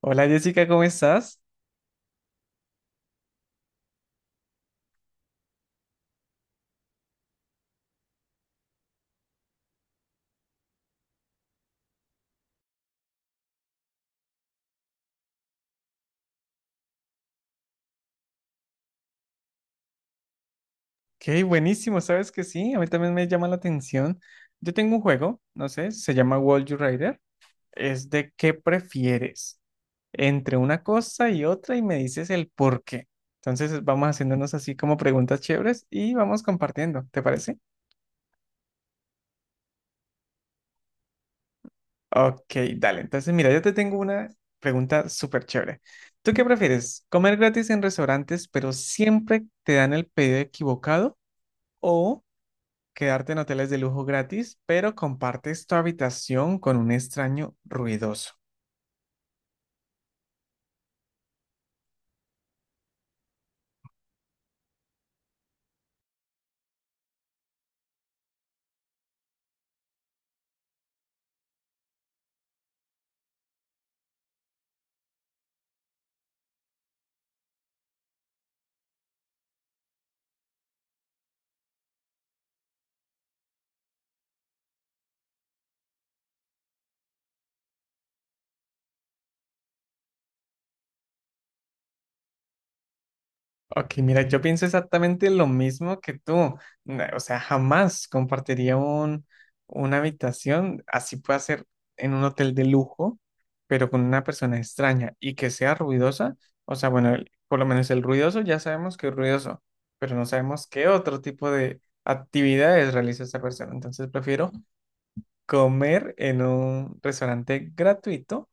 Hola, Jessica, ¿cómo estás? Qué buenísimo, ¿sabes que sí? A mí también me llama la atención. Yo tengo un juego, no sé, se llama World You Rider. Es de qué prefieres entre una cosa y otra y me dices el por qué. Entonces vamos haciéndonos así como preguntas chéveres y vamos compartiendo, ¿te parece? Ok, dale. Entonces mira, yo te tengo una pregunta súper chévere. ¿Tú qué prefieres? ¿Comer gratis en restaurantes pero siempre te dan el pedido equivocado? ¿Quedarte en hoteles de lujo gratis, pero compartes tu habitación con un extraño ruidoso? Ok, mira, yo pienso exactamente lo mismo que tú. O sea, jamás compartiría una habitación, así puede ser en un hotel de lujo, pero con una persona extraña y que sea ruidosa. O sea, bueno, por lo menos el ruidoso ya sabemos que es ruidoso, pero no sabemos qué otro tipo de actividades realiza esa persona. Entonces prefiero comer en un restaurante gratuito.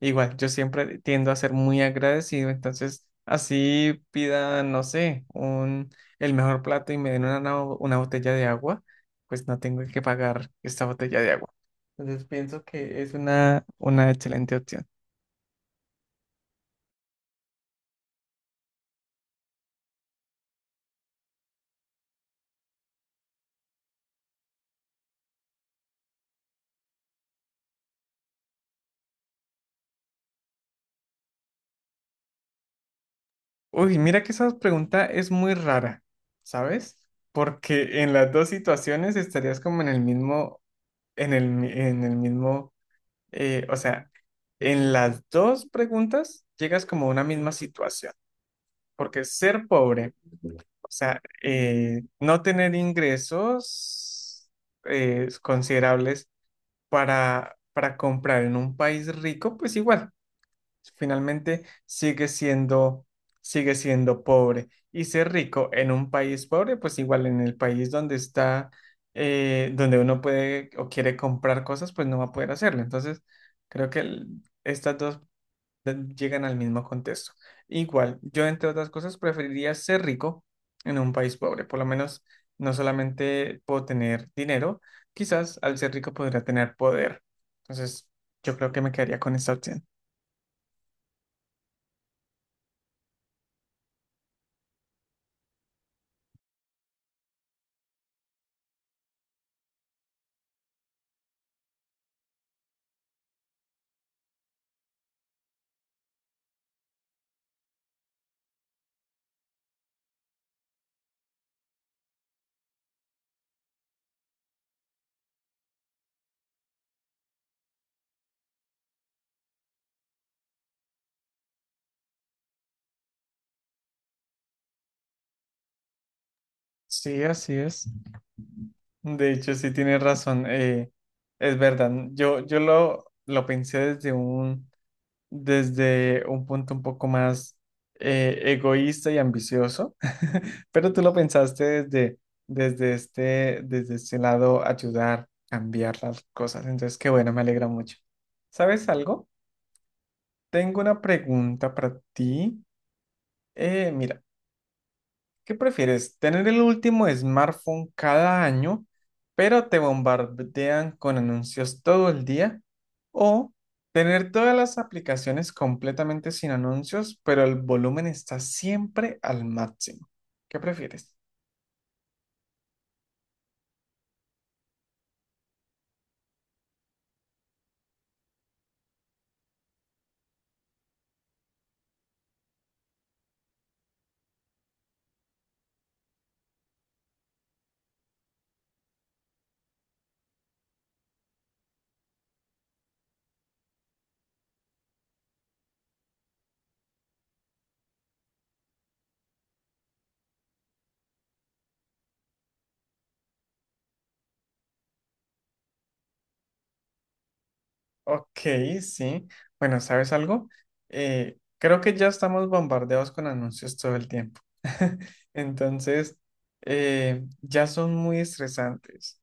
Igual, yo siempre tiendo a ser muy agradecido, entonces así pida, no sé, un, el mejor plato y me den una botella de agua, pues no tengo que pagar esta botella de agua. Entonces pienso que es una excelente opción. Uy, mira que esa pregunta es muy rara, ¿sabes? Porque en las dos situaciones estarías como en el mismo, en en el mismo o sea, en las dos preguntas llegas como a una misma situación, porque ser pobre, o sea, no tener ingresos considerables para comprar en un país rico, pues igual finalmente sigue siendo pobre. Y ser rico en un país pobre, pues igual en el país donde está, donde uno puede o quiere comprar cosas, pues no va a poder hacerlo. Entonces, creo que estas dos llegan al mismo contexto. Igual, yo entre otras cosas preferiría ser rico en un país pobre. Por lo menos no solamente puedo tener dinero, quizás al ser rico podría tener poder. Entonces, yo creo que me quedaría con esta opción. Sí, así es. De hecho, sí tienes razón. Es verdad. Yo lo pensé desde un punto un poco más egoísta y ambicioso, pero tú lo pensaste desde, desde este lado, ayudar, cambiar las cosas. Entonces, qué bueno, me alegra mucho. ¿Sabes algo? Tengo una pregunta para ti. Mira. ¿Qué prefieres? ¿Tener el último smartphone cada año, pero te bombardean con anuncios todo el día? ¿O tener todas las aplicaciones completamente sin anuncios, pero el volumen está siempre al máximo? ¿Qué prefieres? Ok, sí. Bueno, ¿sabes algo? Creo que ya estamos bombardeados con anuncios todo el tiempo. Entonces, ya son muy estresantes.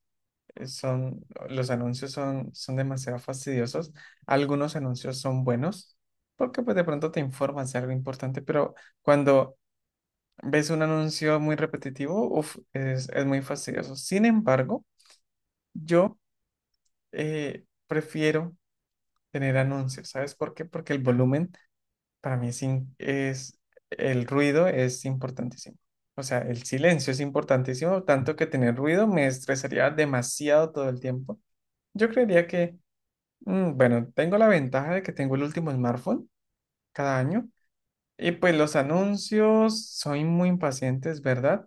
Los anuncios son, son demasiado fastidiosos. Algunos anuncios son buenos porque pues de pronto te informas de algo importante, pero cuando ves un anuncio muy repetitivo, uf, es muy fastidioso. Sin embargo, yo prefiero tener anuncios. ¿Sabes por qué? Porque el volumen para mí es el ruido es importantísimo. O sea, el silencio es importantísimo, tanto que tener ruido me estresaría demasiado todo el tiempo. Yo creería que bueno, tengo la ventaja de que tengo el último smartphone cada año y pues los anuncios soy muy impaciente, es verdad,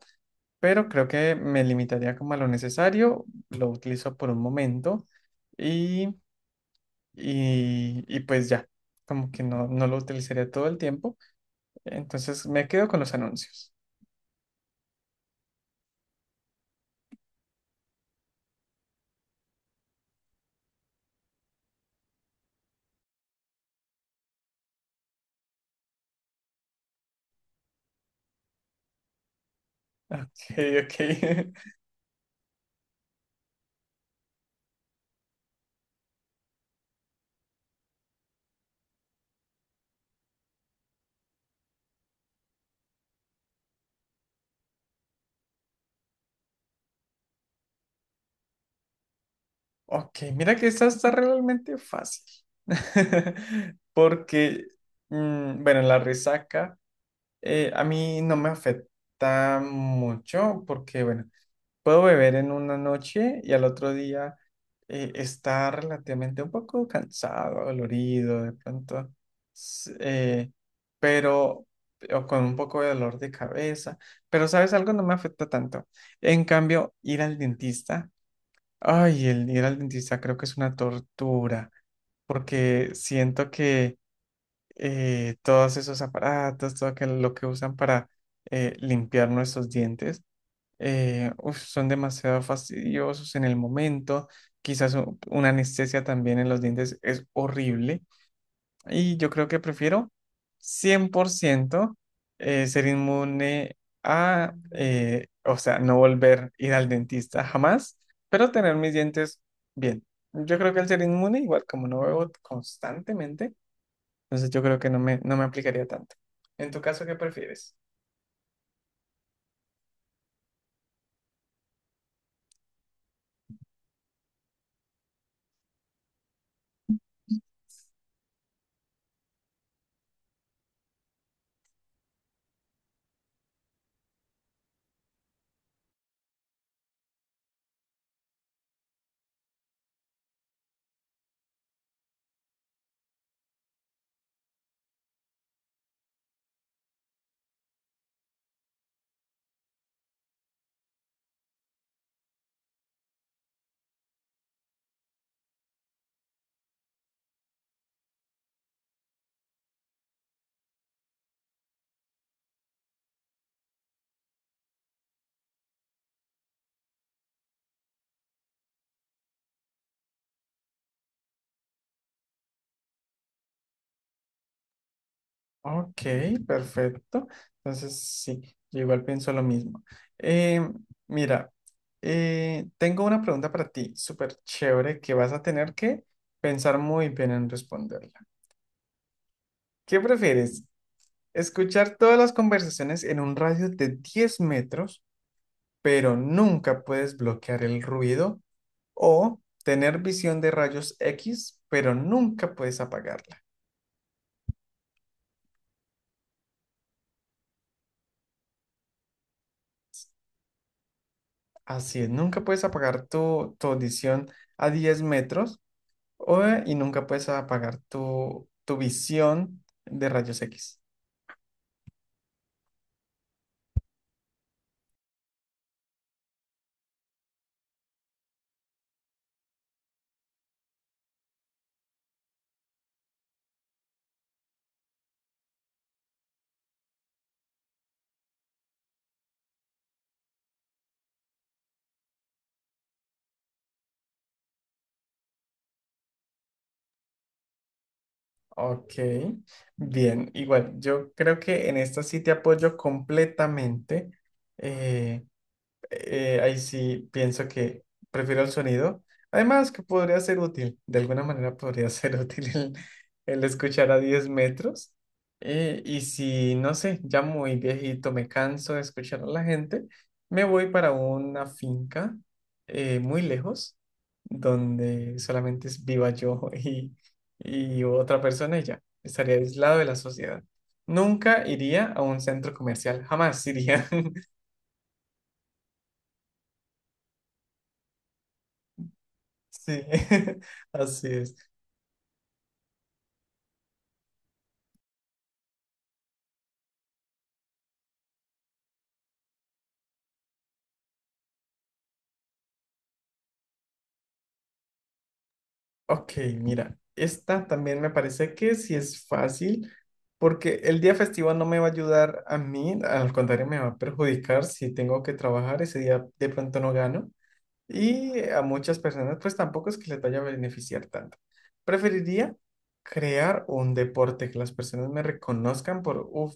pero creo que me limitaría como a lo necesario, lo utilizo por un momento y, y pues ya, como que no lo utilizaría todo el tiempo, entonces me quedo con los anuncios. Ok, ok, ok, mira que esta está realmente fácil porque, mm, bueno, en la resaca. A mí no me afecta mucho porque, bueno, puedo beber en una noche y al otro día está relativamente un poco cansado, dolorido, de pronto, s- eh, pero, o con un poco de dolor de cabeza, pero ¿sabes algo? No me afecta tanto. En cambio, ir al dentista, ay, el ir al dentista creo que es una tortura porque siento que todos esos aparatos, lo que usan para limpiar nuestros dientes, uf, son demasiado fastidiosos en el momento. Quizás una anestesia también en los dientes es horrible. Y yo creo que prefiero 100% ser inmune o sea, no volver a ir al dentista jamás, pero tener mis dientes bien. Yo creo que al ser inmune, igual como no veo constantemente, entonces yo creo que no me aplicaría tanto. En tu caso, ¿qué prefieres? Ok, perfecto. Entonces sí, yo igual pienso lo mismo. Eh, Mira, tengo una pregunta para ti, súper chévere, que vas a tener que pensar muy bien en responderla. ¿Qué prefieres? ¿Escuchar todas las conversaciones en un radio de 10 metros, pero nunca puedes bloquear el ruido? ¿O tener visión de rayos X, pero nunca puedes apagarla? Así es, nunca puedes apagar tu audición a 10 metros y nunca puedes apagar tu visión de rayos X. Ok, bien, igual, yo creo que en esta sí te apoyo completamente. Eh, ahí sí pienso que prefiero el sonido. Además, que podría ser útil, de alguna manera podría ser útil el escuchar a 10 metros. Y si, no sé, ya muy viejito me canso de escuchar a la gente, me voy para una finca muy lejos, donde solamente es viva yo y otra persona y ya, estaría aislado de la sociedad. Nunca iría a un centro comercial, jamás iría. Sí, así es. Ok, mira, esta también me parece que sí es fácil, porque el día festivo no me va a ayudar a mí, al contrario, me va a perjudicar si tengo que trabajar ese día, de pronto no gano. Y a muchas personas, pues tampoco es que les vaya a beneficiar tanto. Preferiría crear un deporte, que las personas me reconozcan por, uff,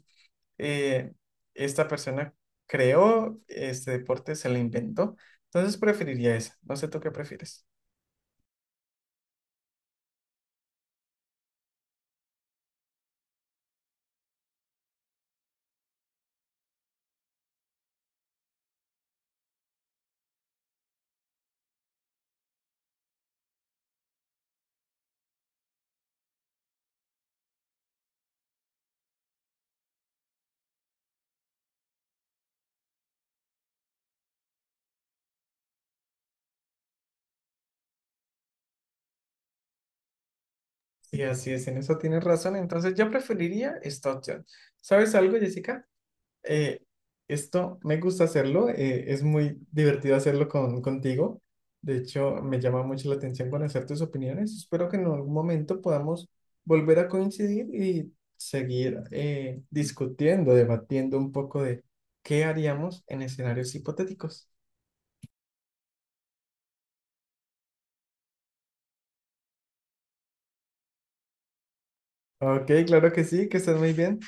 esta persona creó este deporte, se lo inventó. Entonces preferiría esa. No sé tú qué prefieres. Sí, así es, en eso tienes razón. Entonces yo preferiría esta opción. ¿Sabes algo, Jessica? eh, Esto me gusta hacerlo, es muy divertido hacerlo contigo. De hecho, me llama mucho la atención conocer tus opiniones. Espero que en algún momento podamos volver a coincidir y seguir discutiendo, debatiendo un poco de qué haríamos en escenarios hipotéticos. Ok, claro que sí, que estés muy bien.